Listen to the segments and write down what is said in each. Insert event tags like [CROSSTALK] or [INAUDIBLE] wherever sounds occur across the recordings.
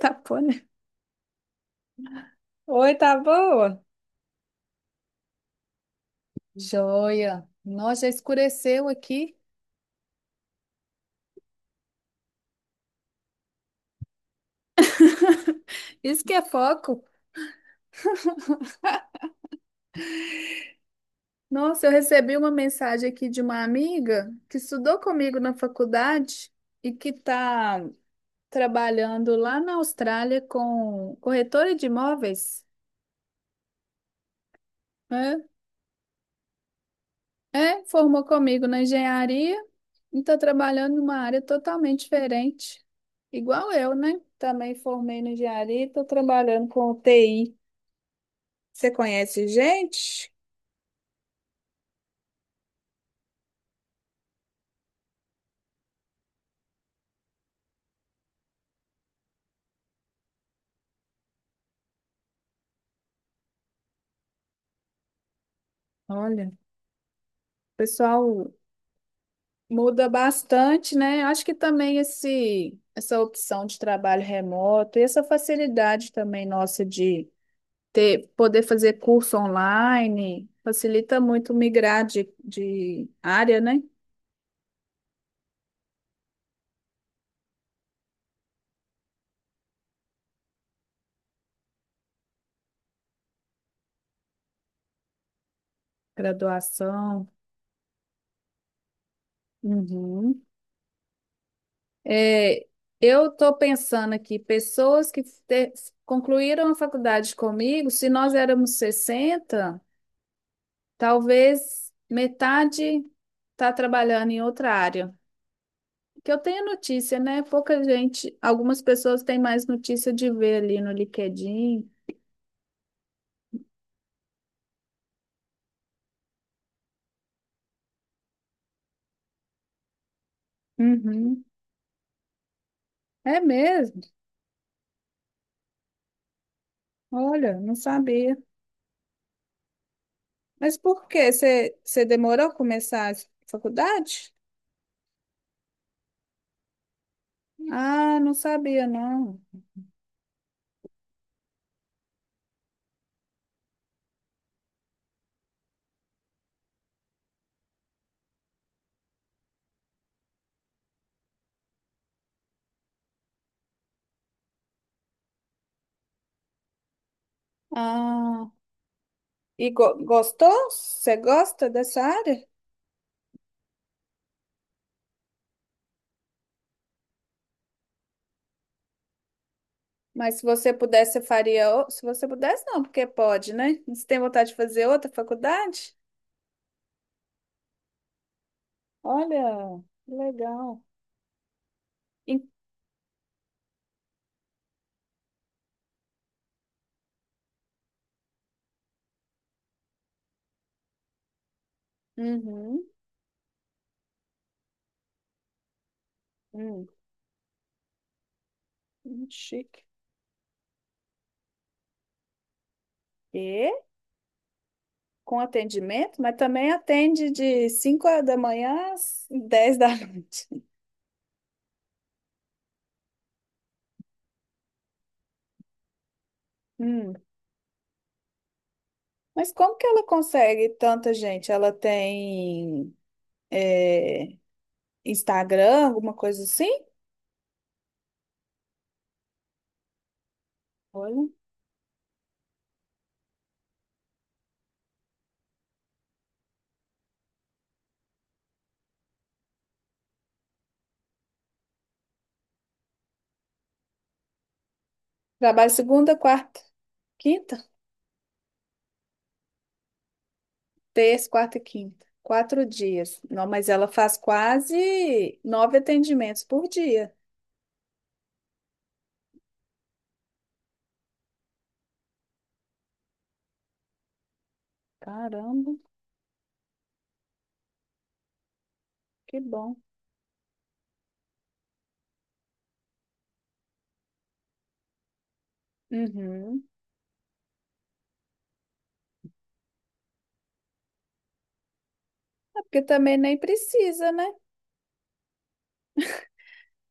Tá bom, né? Oi, tá boa? Joia! Nossa, já escureceu aqui. Isso que é foco. Nossa, eu recebi uma mensagem aqui de uma amiga que estudou comigo na faculdade e que tá trabalhando lá na Austrália com corretora de imóveis. É, é, formou comigo na engenharia e tá trabalhando numa área totalmente diferente. Igual eu, né? Também formei na engenharia e tô trabalhando com TI. Você conhece gente? Olha, o pessoal muda bastante, né? Acho que também essa opção de trabalho remoto e essa facilidade também nossa de ter, poder fazer curso online facilita muito migrar de área, né? Graduação. Uhum. É, eu estou pensando aqui, pessoas concluíram a faculdade comigo. Se nós éramos 60, talvez metade está trabalhando em outra área. Que eu tenho notícia, né? Pouca gente, algumas pessoas têm mais notícia de ver ali no LinkedIn. Uhum. É mesmo? Olha, não sabia. Mas por quê? Você demorou a começar a faculdade? Ah, não sabia, não. Ah, e gostou? Você gosta dessa área? Mas se você pudesse, você faria. Se você pudesse, não, porque pode, né? Você tem vontade de fazer outra faculdade? Olha, que legal. Em- Uhum, hum, chique. E com atendimento, mas também atende de 5 da manhã às 10 da [LAUGHS] noite. Hum, Mas como que ela consegue tanta gente? Ela tem eh, Instagram, alguma coisa assim? Olha. Trabalho segunda, quarta, quinta, terça, quarta e quinta. 4 dias. Não, mas ela faz quase nove atendimentos por dia. Caramba, que bom. Uhum. É. Porque também nem precisa, né?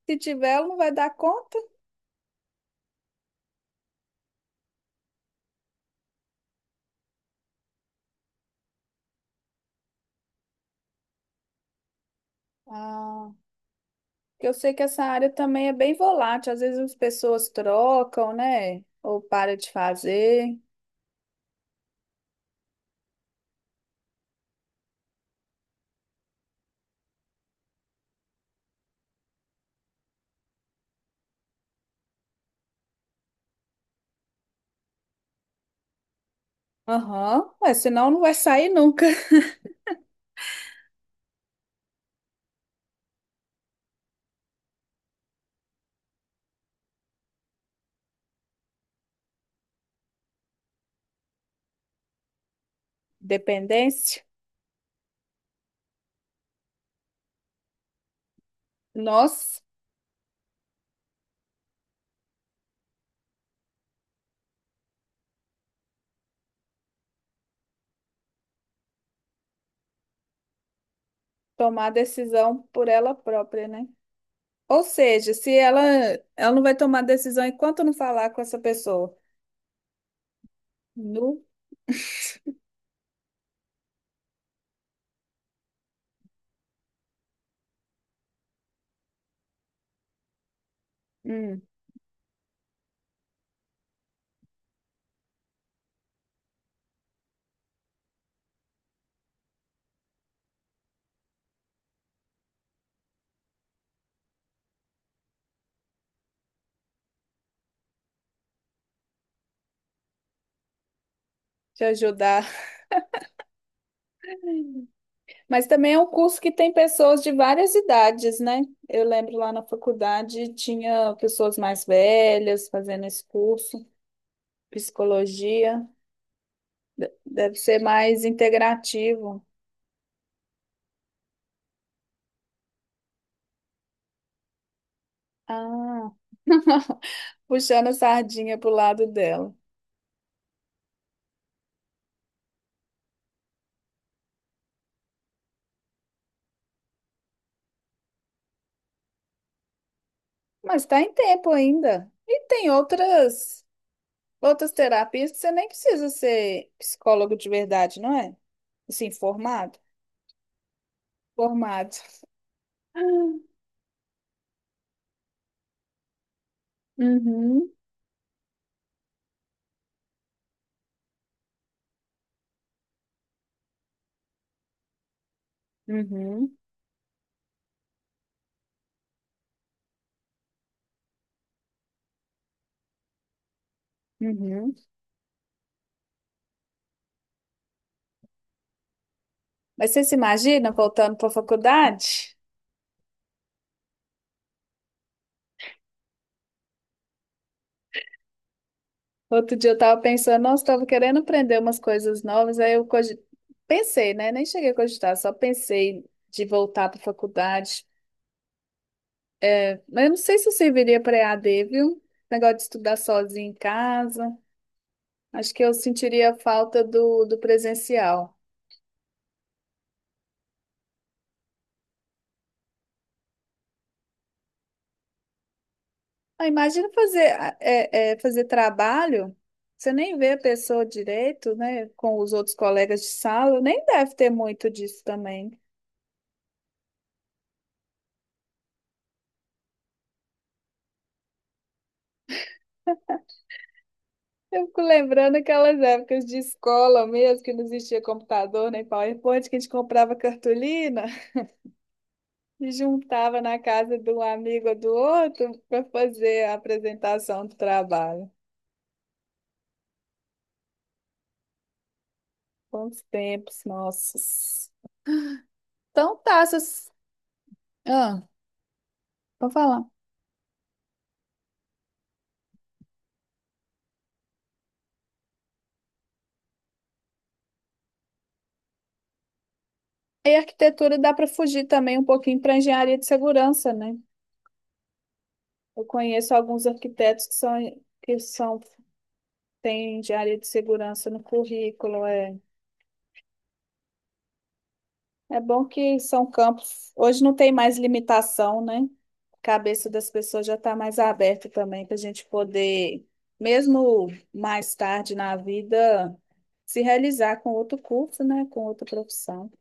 Se tiver, ela não vai dar conta. Ah, porque eu sei que essa área também é bem volátil. Às vezes as pessoas trocam, né? Ou para de fazer. Aham, mas senão não vai sair nunca. [LAUGHS] Dependência. Nós tomar decisão por ela própria, né? Ou seja, se ela não vai tomar decisão enquanto não falar com essa pessoa. Nu, hum, te ajudar. Mas também é um curso que tem pessoas de várias idades, né? Eu lembro lá na faculdade tinha pessoas mais velhas fazendo esse curso, psicologia. Deve ser mais integrativo. Ah, [LAUGHS] puxando a sardinha pro lado dela. Mas está em tempo ainda. E tem outras terapias que você nem precisa ser psicólogo de verdade, não é? Assim, formado? Formado. [LAUGHS] Uhum, uhum, uhum. Mas você se imagina voltando para a faculdade? Outro dia eu estava pensando, nossa, estava querendo aprender umas coisas novas. Aí eu pensei, né? Nem cheguei a cogitar, só pensei de voltar para a faculdade. Mas eu não sei se eu serviria para EAD, viu? Negócio de estudar sozinho em casa. Acho que eu sentiria falta do presencial. Ah, imagina fazer, fazer trabalho, você nem vê a pessoa direito, né? Com os outros colegas de sala, nem deve ter muito disso também. Eu fico lembrando aquelas épocas de escola mesmo, que não existia computador nem PowerPoint, que a gente comprava cartolina e juntava na casa de um amigo ou do outro para fazer a apresentação do trabalho. Quantos tempos, nossos. Então tá, essas... Ah, vou falar. E arquitetura dá para fugir também um pouquinho para engenharia de segurança, né? Eu conheço alguns arquitetos que são, têm engenharia de segurança no currículo, é. É bom que são campos. Hoje não tem mais limitação, né? A cabeça das pessoas já está mais aberta também para a gente poder, mesmo mais tarde na vida, se realizar com outro curso, né? Com outra profissão.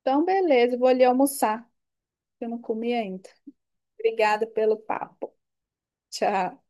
Então, beleza, vou ali almoçar, que eu não comi ainda. Obrigada pelo papo. Tchau.